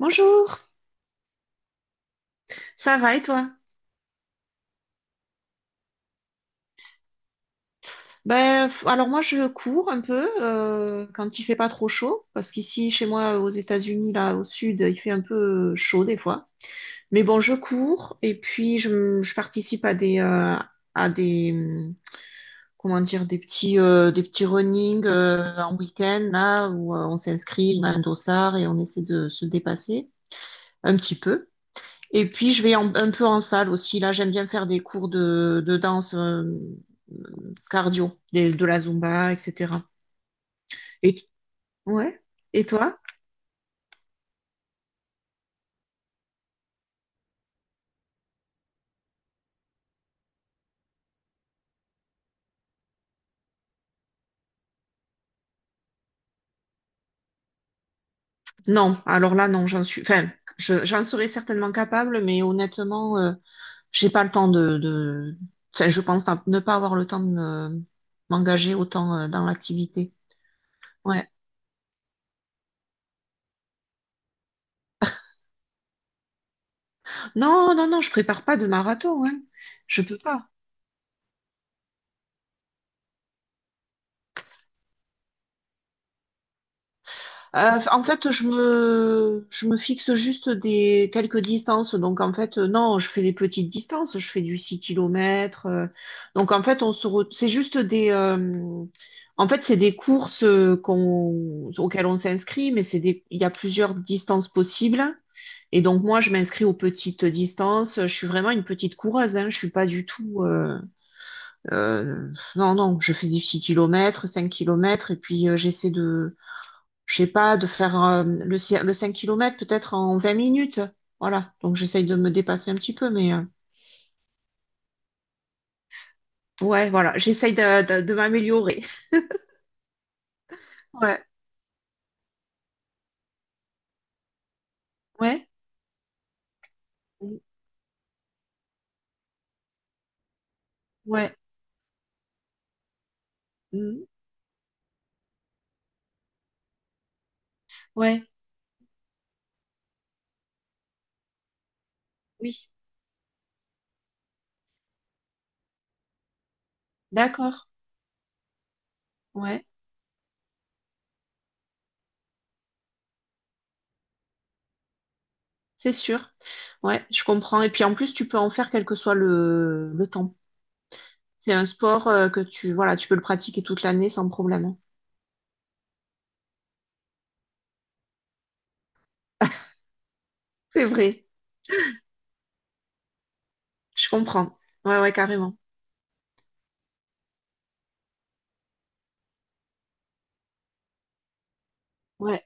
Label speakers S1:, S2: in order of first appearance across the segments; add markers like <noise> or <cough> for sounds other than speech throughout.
S1: Bonjour, ça va et toi? Ben, alors moi je cours un peu quand il fait pas trop chaud parce qu'ici chez moi aux États-Unis là au sud il fait un peu chaud des fois mais bon je cours et puis je participe à des comment dire des petits running en week-end là où on s'inscrit on a un dossard et on essaie de se dépasser un petit peu. Et puis, je vais un peu en salle aussi. Là, j'aime bien faire des cours de danse cardio, de la Zumba, etc. Et, ouais. Et toi? Non, alors là, non, j'en suis. Enfin, j'en serais certainement capable, mais honnêtement, j'ai pas le temps de, enfin, je pense à ne pas avoir le temps de m'engager autant dans l'activité. Ouais. Non, non, non, je prépare pas de marathon, hein. Je peux pas. Euh, En fait, je me fixe juste des quelques distances. Donc, en fait, non, je fais des petites distances. Je fais du 6 km. Donc, en fait, c'est juste en fait, c'est des courses auxquelles on s'inscrit, mais c'est il y a plusieurs distances possibles. Et donc, moi, je m'inscris aux petites distances. Je suis vraiment une petite coureuse, hein. Je suis pas du tout, euh, non, non, je fais des 6 kilomètres, 5 kilomètres et puis j'essaie je sais pas, de faire le 5 km peut-être en 20 minutes. Voilà. Donc j'essaye de me dépasser un petit peu, ouais, voilà, j'essaye de m'améliorer. Ouais, ouais. Mm. Ouais. Mm. Ouais, oui, d'accord. Ouais, c'est sûr. Ouais, je comprends. Et puis en plus, tu peux en faire quel que soit le temps. C'est un sport que voilà, tu peux le pratiquer toute l'année sans problème. C'est vrai, je comprends. Ouais, ouais, carrément. Ouais.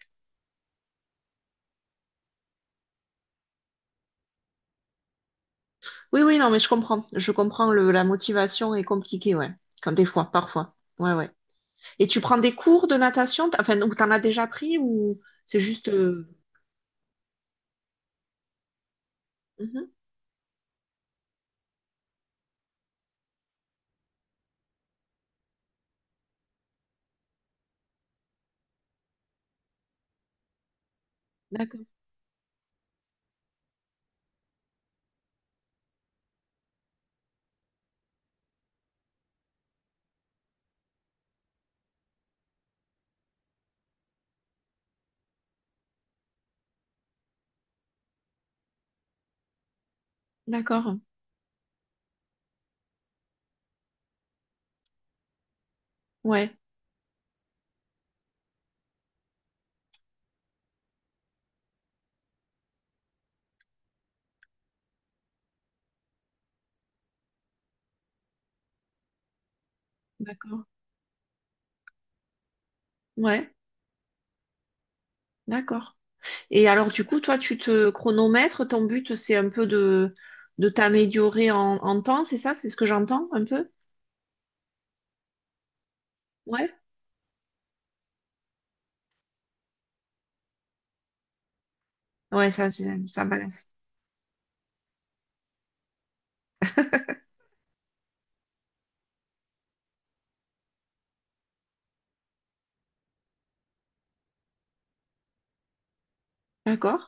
S1: Oui, oui, non, mais je comprends. Je comprends la motivation est compliquée, ouais. Quand des fois, parfois. Ouais, ouais. Et tu prends des cours de natation, enfin, ou t'en as déjà pris, ou c'est juste. Mhm. D'accord, d'accord. Ouais, d'accord. Ouais, d'accord. Et alors, du coup, toi, tu te chronomètres, ton but, c'est un peu de t'améliorer en temps, c'est ça? C'est ce que j'entends un peu? Ouais? Ouais, ça, ça balance. D'accord,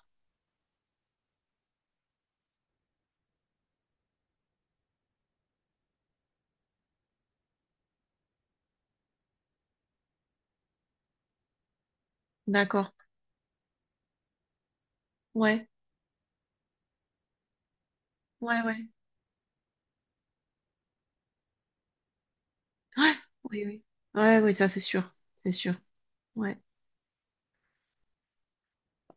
S1: d'accord. Ouais, ouais, ouais. Ouais, oui, oui. Ouais, oui, ça, c'est sûr. C'est sûr. Ouais.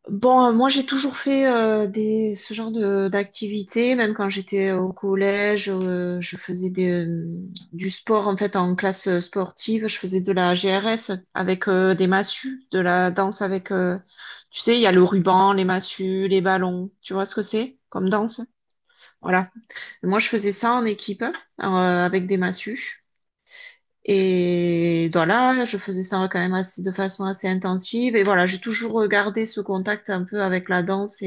S1: Bon, moi j'ai toujours fait ce genre de d'activité, même quand j'étais au collège, je faisais du sport en fait en classe sportive, je faisais de la GRS avec des massues, de la danse avec, tu sais, il y a le ruban, les massues, les ballons, tu vois ce que c'est comme danse? Voilà. Moi je faisais ça en équipe avec des massues. Et voilà, je faisais ça quand même de façon assez intensive. Et voilà, j'ai toujours gardé ce contact un peu avec la danse,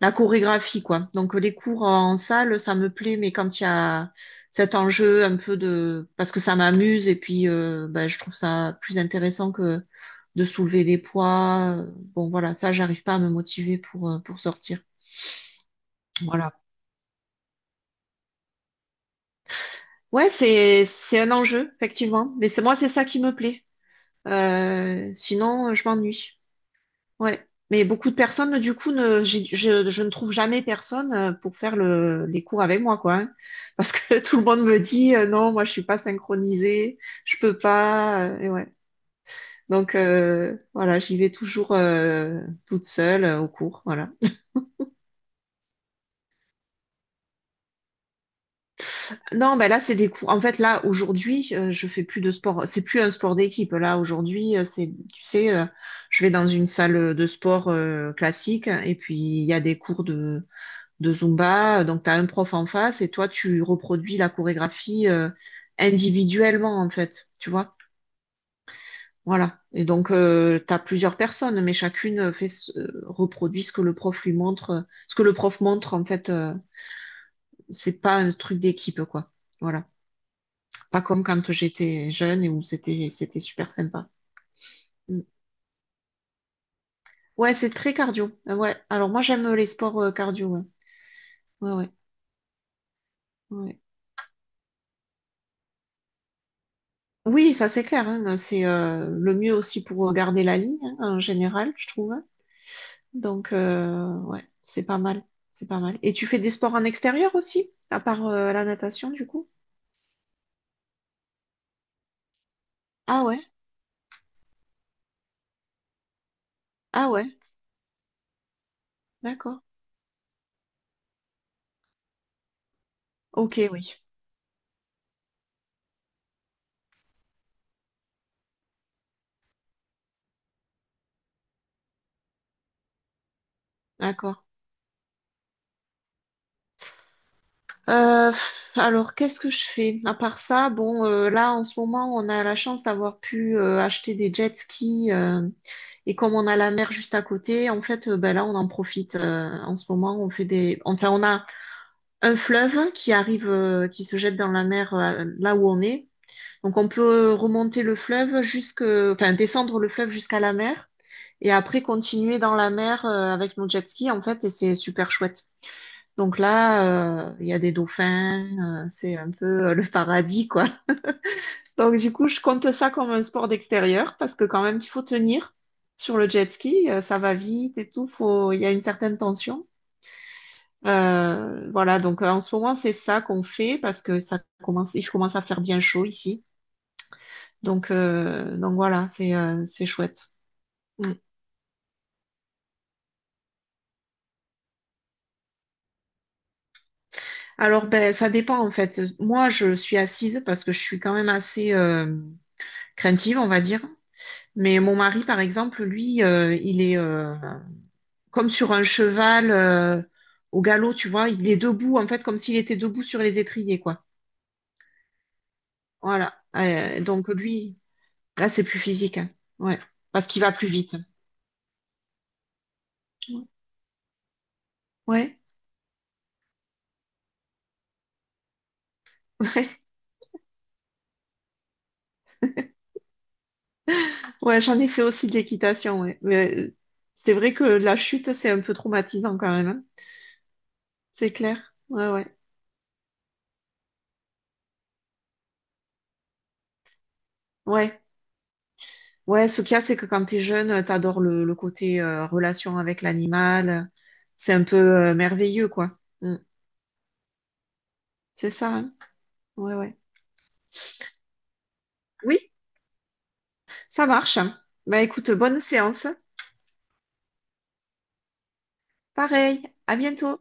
S1: la chorégraphie, quoi. Donc les cours en salle, ça me plaît, mais quand il y a cet enjeu un peu de. Parce que ça m'amuse et puis ben, je trouve ça plus intéressant que de soulever des poids. Bon, voilà, ça, j'arrive pas à me motiver pour sortir. Voilà. Ouais, c'est un enjeu, effectivement. Mais c'est moi, c'est ça qui me plaît. Sinon, je m'ennuie. Ouais. Mais beaucoup de personnes, du coup, ne, j'ai- je ne trouve jamais personne pour faire les cours avec moi, quoi, hein. Parce que <laughs> tout le monde me dit, non, moi, je suis pas synchronisée, je peux pas. Et ouais. Donc, voilà, j'y vais toujours toute seule au cours, voilà. Non, ben là, c'est des cours. En fait, là, aujourd'hui, je fais plus de sport. C'est plus un sport d'équipe. Là, aujourd'hui, tu sais, je vais dans une salle de sport classique et puis il y a des cours de Zumba. Donc, tu as un prof en face et toi, tu reproduis la chorégraphie individuellement, en fait. Tu vois? Voilà. Et donc, tu as plusieurs personnes, mais chacune fait reproduit ce que le prof lui montre. Ce que le prof montre, en fait, c'est pas un truc d'équipe, quoi. Voilà. Pas comme quand j'étais jeune et où c'était super sympa. Mm. Ouais, c'est très cardio. Ouais. Alors moi, j'aime les sports cardio. Ouais, ouais, ouais. Ouais. Oui, ça c'est clair, hein, ben, c'est le mieux aussi pour garder la ligne, hein, en général, je trouve. Donc ouais, c'est pas mal, c'est pas mal. Et tu fais des sports en extérieur aussi, à part la natation du coup? Ah ouais, ah ouais, d'accord. Ok, oui, d'accord. Alors qu'est-ce que je fais? À part ça, bon, là en ce moment, on a la chance d'avoir pu acheter des jet skis et comme on a la mer juste à côté, en fait, ben là, on en profite. En ce moment, on fait enfin, on a un fleuve qui arrive, qui se jette dans la mer là où on est. Donc on peut remonter le fleuve enfin descendre le fleuve jusqu'à la mer et après continuer dans la mer avec nos jet skis en fait et c'est super chouette. Donc là, il y a des dauphins, c'est un peu le paradis quoi. Donc du coup, je compte ça comme un sport d'extérieur parce que quand même il faut tenir sur le jet ski, ça va vite et tout, il y a une certaine tension. Voilà, donc en ce moment, c'est ça qu'on fait parce que il commence à faire bien chaud ici. Donc voilà, c'est chouette. Mm. Alors, ben, ça dépend en fait. Moi, je suis assise parce que je suis quand même assez craintive, on va dire. Mais mon mari, par exemple, lui, il est comme sur un cheval au galop, tu vois. Il est debout, en fait, comme s'il était debout sur les étriers, quoi. Voilà. Donc lui, là, c'est plus physique, hein. Ouais, parce qu'il va plus vite. Ouais, <laughs> ouais, ouais, j'en ai fait aussi de l'équitation, ouais. Mais c'est vrai que la chute, c'est un peu traumatisant quand même, hein. C'est clair. Ouais, ouais, ouais, ouais. Ce qu'il y a, c'est que quand t'es jeune, t'adores le côté relation avec l'animal. C'est un peu merveilleux, quoi. Mm. C'est ça, hein. Ouais, ouais. Oui, ça marche, hein. Bah écoute, bonne séance. Pareil, à bientôt.